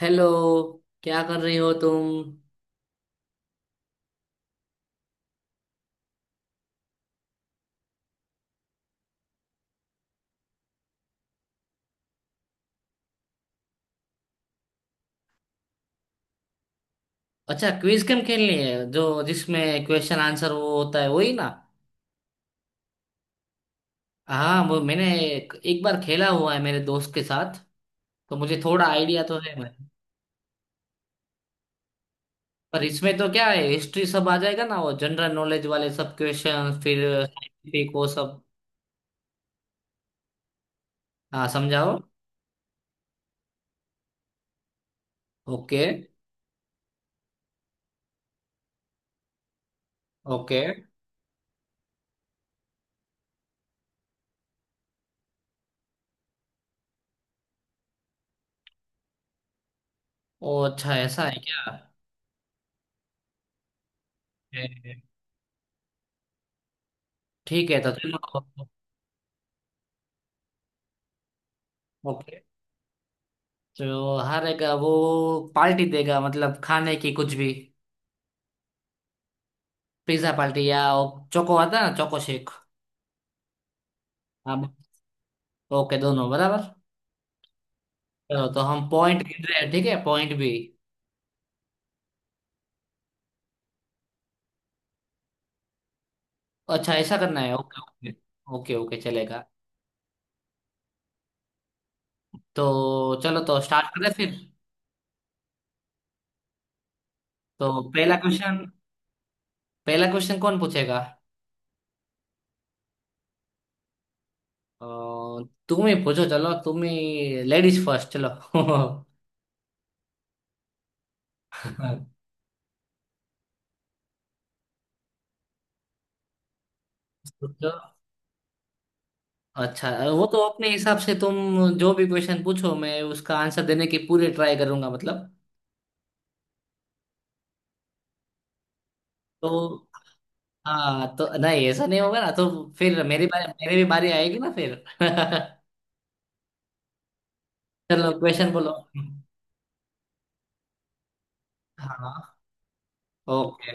Hello. क्या कर रही हो तुम? अच्छा, क्विज गेम खेलनी है जो जिसमें क्वेश्चन आंसर वो होता है, वही ना? हाँ, वो मैंने एक बार खेला हुआ है मेरे दोस्त के साथ। तो मुझे थोड़ा आइडिया तो है मैं। पर इसमें तो क्या है, हिस्ट्री सब आ जाएगा ना, वो जनरल नॉलेज वाले सब क्वेश्चन, फिर साइंटिफिक वो सब। हाँ, समझाओ। ओके। ओके। ओ अच्छा, ऐसा है क्या? ए, ठीक है, तो चलो। ओके। तो हारेगा वो पार्टी देगा, मतलब खाने की कुछ भी। पिज्जा पार्टी या वो चोको आता है ना, चोको शेक। हाँ। ओके, दोनों बराबर। चलो, तो हम पॉइंट गिन रहे हैं, ठीक है, पॉइंट भी। अच्छा, ऐसा करना है। Okay okay. ओके ओके, चलेगा। तो चलो, तो स्टार्ट करें फिर। तो पहला क्वेश्चन पहला क्वेश्चन कौन पूछेगा? अ, तुम ही पूछो, चलो तुम ही, लेडीज फर्स्ट, चलो। पूछो। अच्छा। वो तो अपने हिसाब से तुम जो भी क्वेश्चन पूछो, मैं उसका आंसर देने की पूरी ट्राई करूंगा मतलब। तो हाँ, तो नहीं, ऐसा नहीं होगा ना। तो फिर मेरी भी बारी आएगी ना फिर। चलो, क्वेश्चन बोलो। हाँ। ओके।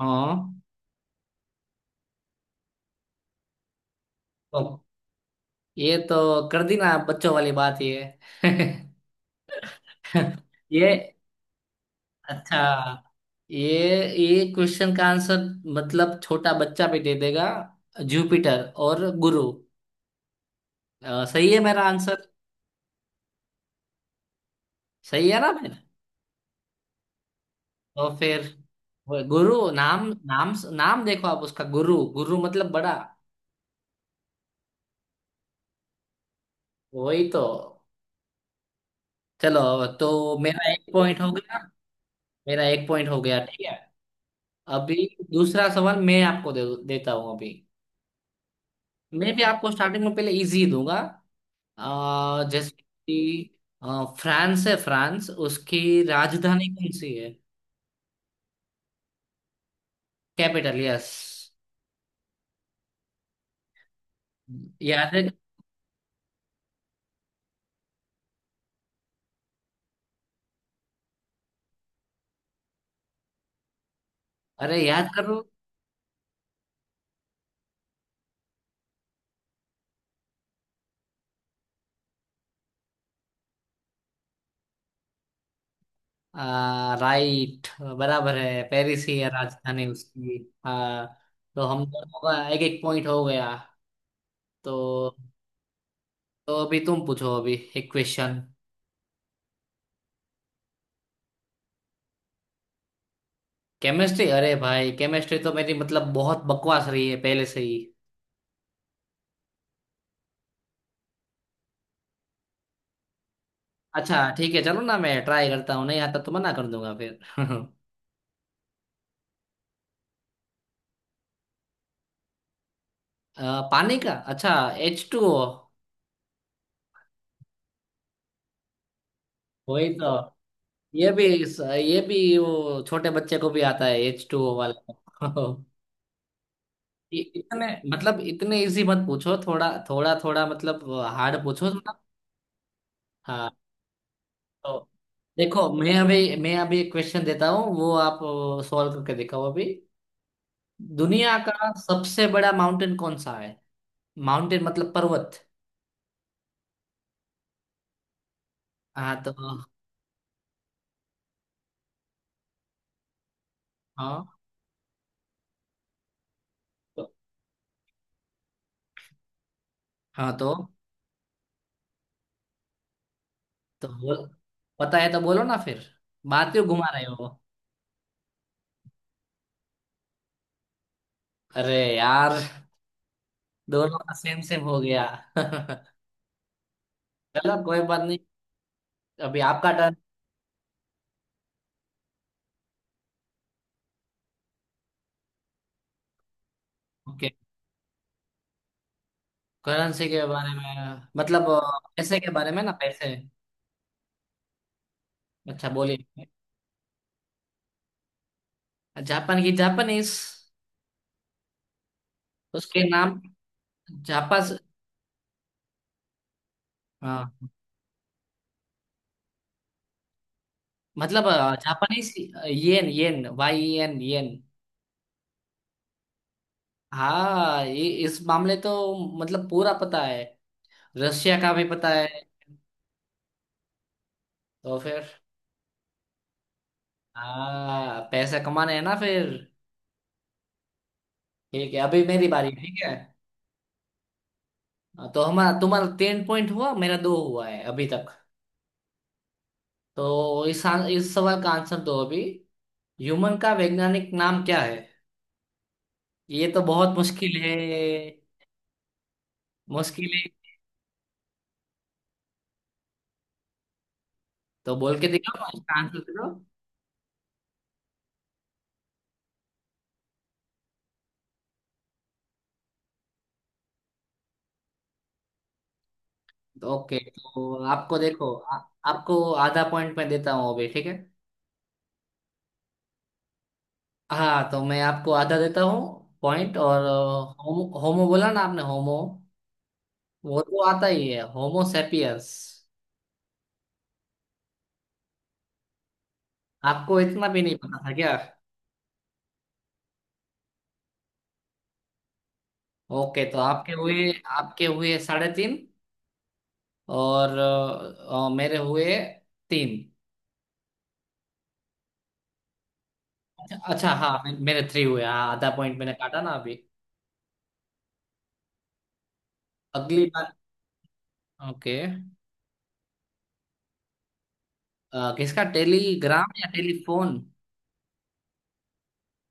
हाँ। ओ, ये तो कर दी ना आप, बच्चों वाली बात ये। ये अच्छा, ये क्वेश्चन का आंसर मतलब छोटा बच्चा भी दे देगा। जुपिटर और गुरु। सही है मेरा आंसर? सही है ना मेरा? तो फिर वो गुरु नाम नाम नाम देखो, आप उसका, गुरु गुरु मतलब बड़ा। वही तो। चलो, तो मेरा एक पॉइंट हो गया। मेरा एक पॉइंट हो गया, ठीक है। अभी दूसरा सवाल मैं आपको देता हूँ अभी। मैं भी आपको स्टार्टिंग में पहले इजी दूंगा, जैसे कि फ्रांस है, फ्रांस, उसकी राजधानी कौन सी है? Capital, yes. याद है? अरे, याद करो। राइट। बराबर है, पेरिस ही है राजधानी उसकी। हाँ, तो हम दोनों का एक एक पॉइंट हो गया। तो अभी तुम पूछो अभी एक क्वेश्चन। केमिस्ट्री? अरे भाई, केमिस्ट्री तो मेरी मतलब बहुत बकवास रही है पहले से ही। अच्छा ठीक है, चलो ना, मैं ट्राई करता हूँ, नहीं आता तो मना कर दूंगा फिर। पानी का? अच्छा। H two O. वही तो। ये भी, वो छोटे बच्चे को भी आता है, एच टू ओ वाला। इतने, मतलब इतने इजी मत पूछो, थोड़ा थोड़ा थोड़ा मतलब, हार्ड पूछो थोड़ा। हाँ। तो देखो, मैं अभी एक क्वेश्चन देता हूँ, वो आप सॉल्व करके दिखाओ अभी। दुनिया का सबसे बड़ा माउंटेन कौन सा है? माउंटेन मतलब पर्वत। हाँ तो हाँ, तो हाँ तो तो बोल, पता है तो बोलो ना फिर, बात क्यों घुमा रहे हो? अरे यार, दोनों का सेम सेम हो गया। चलो, कोई बात नहीं, अभी आपका टर्न। ओके। करेंसी के बारे में मतलब पैसे के बारे में ना, पैसे। अच्छा, बोलिए। जापान की? जापानीज? उसके नाम जापान। हाँ, मतलब Japanese. Yen, yen, Y N, yen. हाँ, ये इस मामले तो मतलब पूरा पता है, रशिया का भी पता है। तो फिर? हाँ, पैसे कमाने हैं ना फिर। ठीक है, अभी मेरी बारी, ठीक है। हाँ, तो हमारा, तुम्हारा तीन पॉइंट हुआ, मेरा दो हुआ है अभी तक। तो इस सवाल का आंसर दो अभी। ह्यूमन का वैज्ञानिक नाम क्या है? ये तो बहुत मुश्किल है, मुश्किल है। तो बोल के दिखाओ, इसका आंसर करो। ओके, तो आपको देखो, आपको आधा पॉइंट मैं देता हूँ अभी, ठीक है। हाँ, तो मैं आपको आधा देता हूँ पॉइंट और होमो होमो बोला ना आपने, होमो, वो तो आता ही है, होमो सेपियंस। आपको इतना भी नहीं पता था क्या? ओके, तो आपके हुए, आपके हुए 3.5। और मेरे हुए तीन। अच्छा हाँ, मेरे थ्री हुए हाँ, आधा पॉइंट मैंने काटा ना अभी। अगली बार। ओके। किसका, टेलीग्राम या टेलीफोन?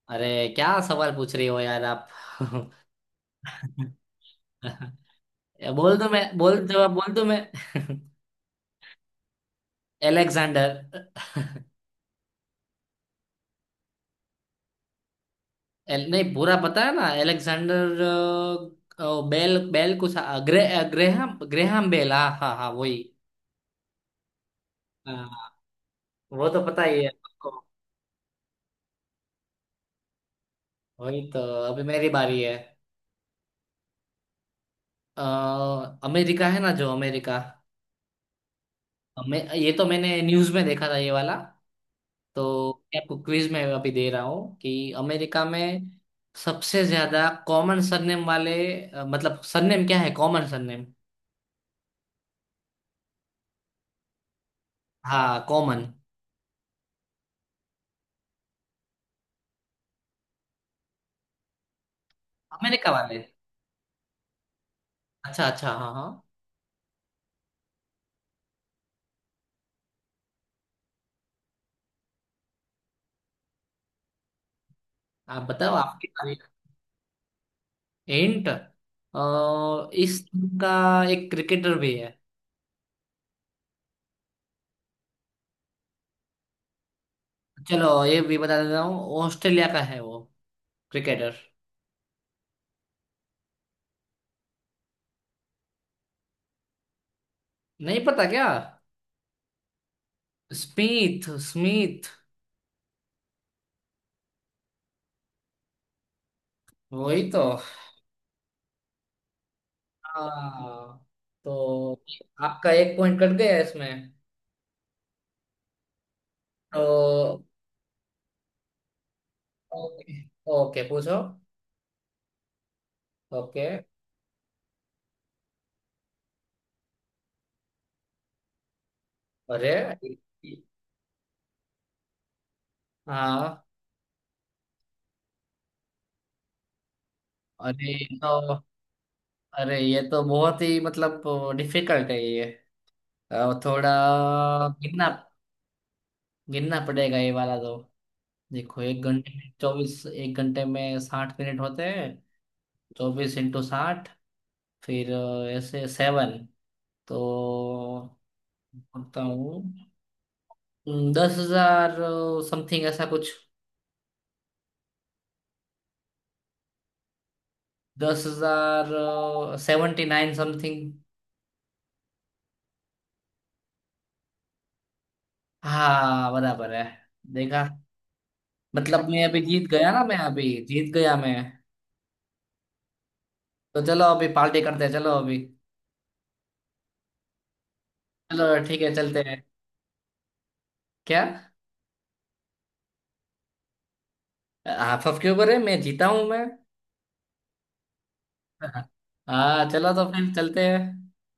अरे, क्या सवाल पूछ रही हो यार आप। बोल दो मैं, बोल जवाब बोल दो मैं। एलेक्जेंडर। नहीं, पूरा पता है ना, एलेक्सेंडर बेल बेल कुछ ग्रेहम ग्रेहम बेल, हाँ हाँ हाँ, वही। हाँ, वो तो पता ही है आपको। वही तो। अभी मेरी बारी है। अ, अमेरिका है ना, जो अमेरिका, ये तो मैंने न्यूज में देखा था, ये वाला। तो मैं आपको क्विज में अभी दे रहा हूँ कि अमेरिका में सबसे ज्यादा कॉमन सरनेम वाले, मतलब सरनेम क्या है, कॉमन सरनेम? हाँ, कॉमन। अमेरिका वाले, अच्छा अच्छा, हाँ हाँ। आप बताओ, आपकी बारी। हिंट? इस team का एक क्रिकेटर भी है। चलो, ये भी बता देता हूँ, ऑस्ट्रेलिया का है वो, क्रिकेटर। नहीं पता क्या? Smith, Smith. वही तो। हाँ, तो आपका एक पॉइंट कट गया इसमें। तो ओके, ओके पूछो। ओके। अरे हाँ। अरे ये तो अरे ये तो बहुत ही मतलब डिफिकल्ट है ये। थोड़ा कितना गिनना पड़ेगा ये वाला तो। देखो, एक घंटे में 60 मिनट होते हैं, 24 इंटू 60, फिर ऐसे 7। तो बोलता हूँ, 10,000 समथिंग ऐसा कुछ। 10,079 समथिंग। हाँ, बराबर है, देखा? मतलब मैं अभी जीत गया, मैं। तो चलो, अभी पार्टी करते हैं, चलो अभी। चलो ठीक है, चलते हैं। क्या? आप सबके ऊपर है, मैं जीता हूँ मैं। हाँ, चलो तो फिर चलते हैं।